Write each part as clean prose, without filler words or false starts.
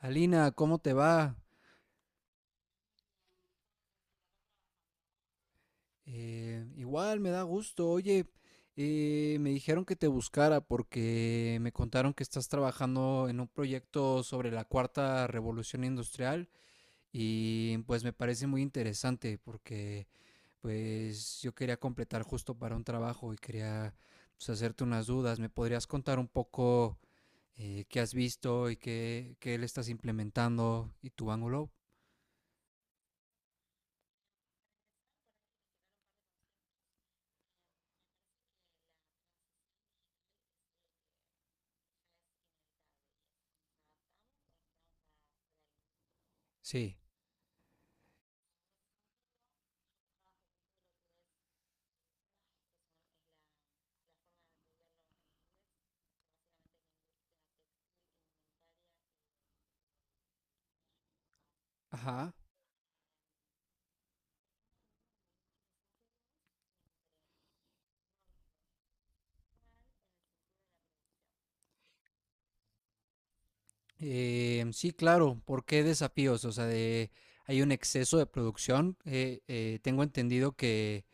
Alina, ¿cómo te va? Igual me da gusto. Oye, me dijeron que te buscara porque me contaron que estás trabajando en un proyecto sobre la cuarta revolución industrial y pues me parece muy interesante porque pues yo quería completar justo para un trabajo y quería, pues, hacerte unas dudas. ¿Me podrías contar un poco qué has visto y qué le estás implementando y tu ángulo? Sí. Ajá. Sí, claro. ¿Por qué desafíos? O sea, de, hay un exceso de producción. Tengo entendido que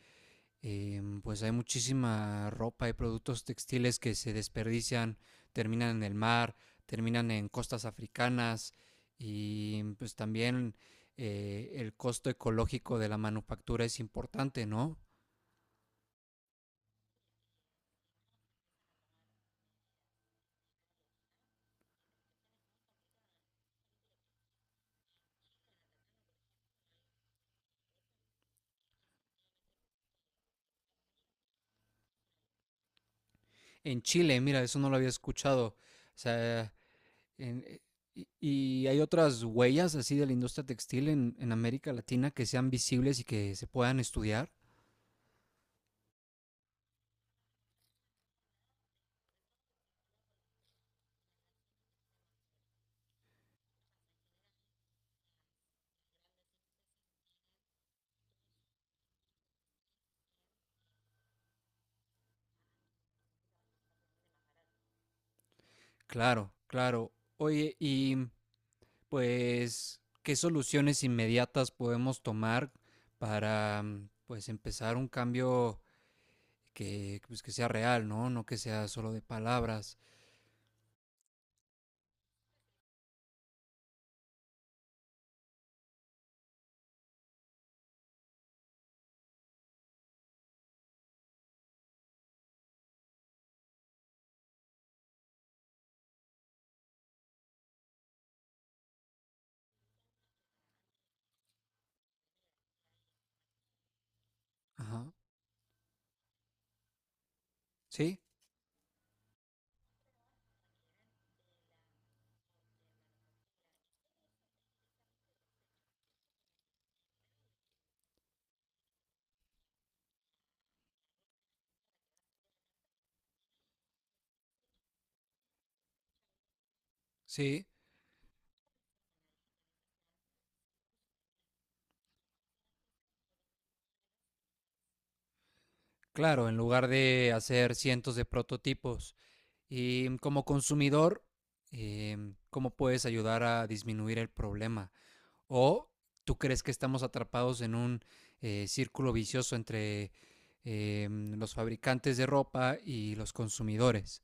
pues hay muchísima ropa y productos textiles que se desperdician, terminan en el mar, terminan en costas africanas y pues también, el costo ecológico de la manufactura es importante, ¿no? En Chile, mira, eso no lo había escuchado. O sea, En- eh, y hay otras huellas así de la industria textil en América Latina que sean visibles y que se puedan estudiar. Claro, claro. Oye, y pues, ¿qué soluciones inmediatas podemos tomar para, pues, empezar un cambio que, pues, que sea real? ¿No? No que sea solo de palabras. Ajá. Sí, sí. Claro, en lugar de hacer cientos de prototipos. Y, como consumidor, ¿cómo puedes ayudar a disminuir el problema? ¿O tú crees que estamos atrapados en un círculo vicioso entre los fabricantes de ropa y los consumidores?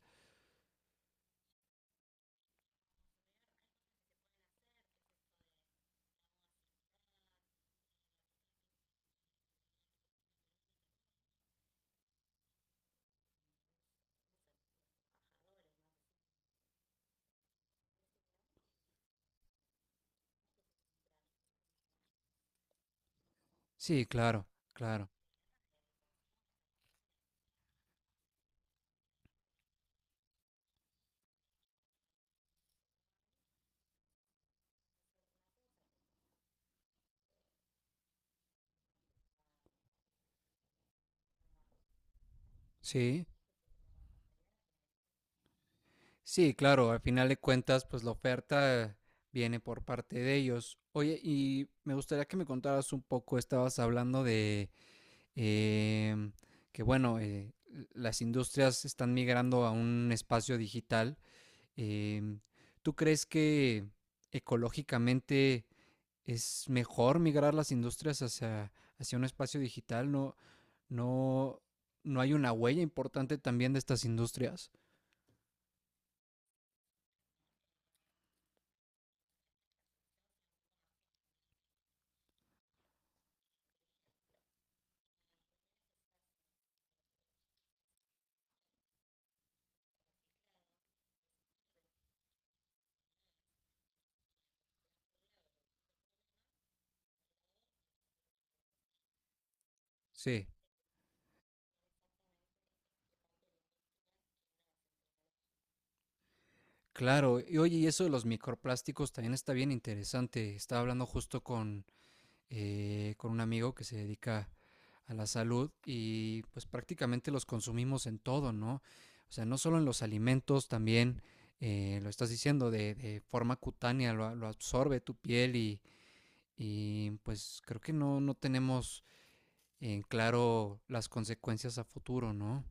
Sí, claro, claro. Sí, sí, claro. Al final de cuentas, pues la oferta viene por parte de ellos. Oye, y me gustaría que me contaras un poco, estabas hablando de eh, que bueno, las industrias están migrando a un espacio digital. eh, ¿Tú crees que ecológicamente es mejor migrar las industrias hacia, hacia un espacio digital? ¿No, no, no hay una huella importante también de estas industrias? Sí. Claro, y oye, y eso de los microplásticos también está bien interesante. Estaba hablando justo con un amigo que se dedica a la salud y pues prácticamente los consumimos en todo, ¿no? O sea, no solo en los alimentos, también lo estás diciendo de forma cutánea, lo absorbe tu piel y pues creo que no, no tenemos en claro las consecuencias a futuro, ¿no?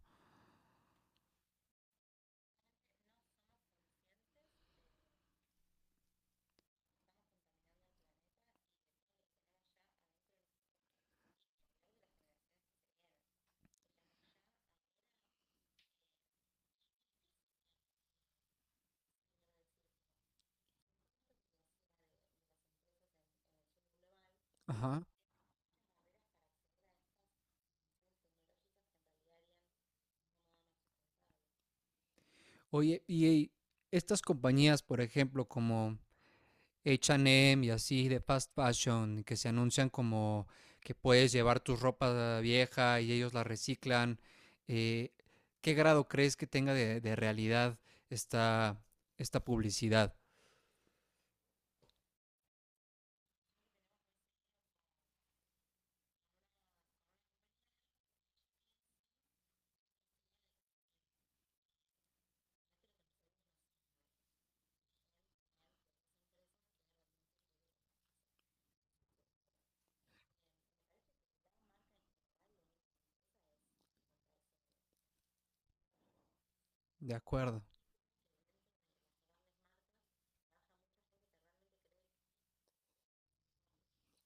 Ajá. Oye, y estas compañías, por ejemplo, como H&M y así de fast fashion, que se anuncian como que puedes llevar tu ropa vieja y ellos la reciclan. eh, ¿Qué grado crees que tenga de realidad esta, esta publicidad? De acuerdo.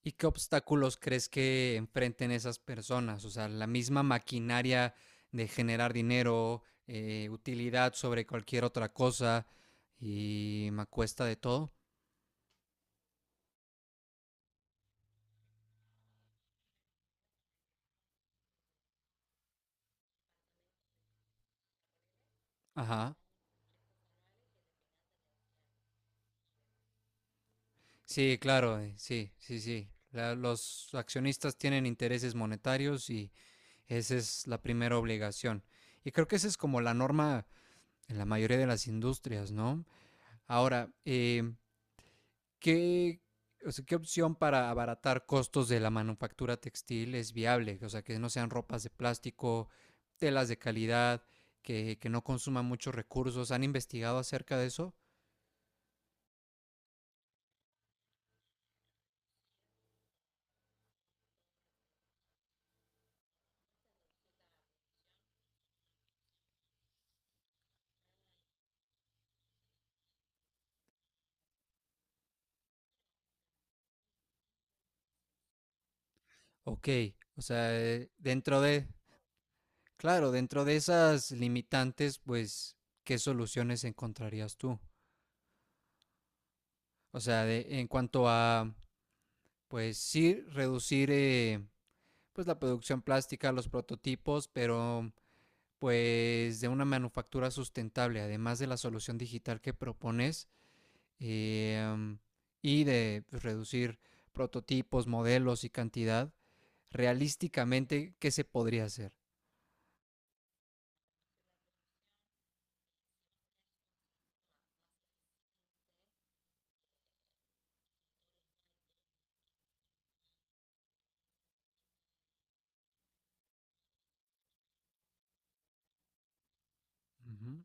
¿Y qué obstáculos crees que enfrenten esas personas? O sea, la misma maquinaria de generar dinero, utilidad sobre cualquier otra cosa y me cuesta de todo. Ajá. Sí, claro, sí, sí, sí. Los accionistas tienen intereses monetarios y esa es la primera obligación. Y creo que esa es como la norma en la mayoría de las industrias, ¿no? Ahora, ¿qué, o sea, qué opción para abaratar costos de la manufactura textil es viable? O sea, que no sean ropas de plástico, telas de calidad, que no consuman muchos recursos. ¿Han investigado acerca de eso? Ok, o sea, dentro de... Claro, dentro de esas limitantes, pues, ¿qué soluciones encontrarías tú? O sea, en cuanto a, pues sí, reducir pues la producción plástica, los prototipos, pero pues de una manufactura sustentable, además de la solución digital que propones, eh, am, y de, pues, reducir prototipos, modelos y cantidad, realísticamente, ¿qué se podría hacer? Ujú.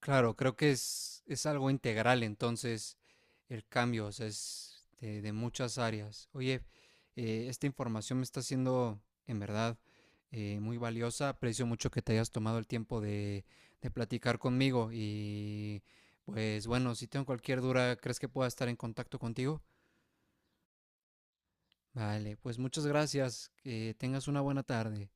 Claro, creo que es algo integral entonces el cambio, o sea, es de muchas áreas. Oye, esta información me está siendo en verdad muy valiosa. Aprecio mucho que te hayas tomado el tiempo de platicar conmigo y pues bueno, si tengo cualquier duda, ¿crees que pueda estar en contacto contigo? Vale, pues muchas gracias. Que tengas una buena tarde.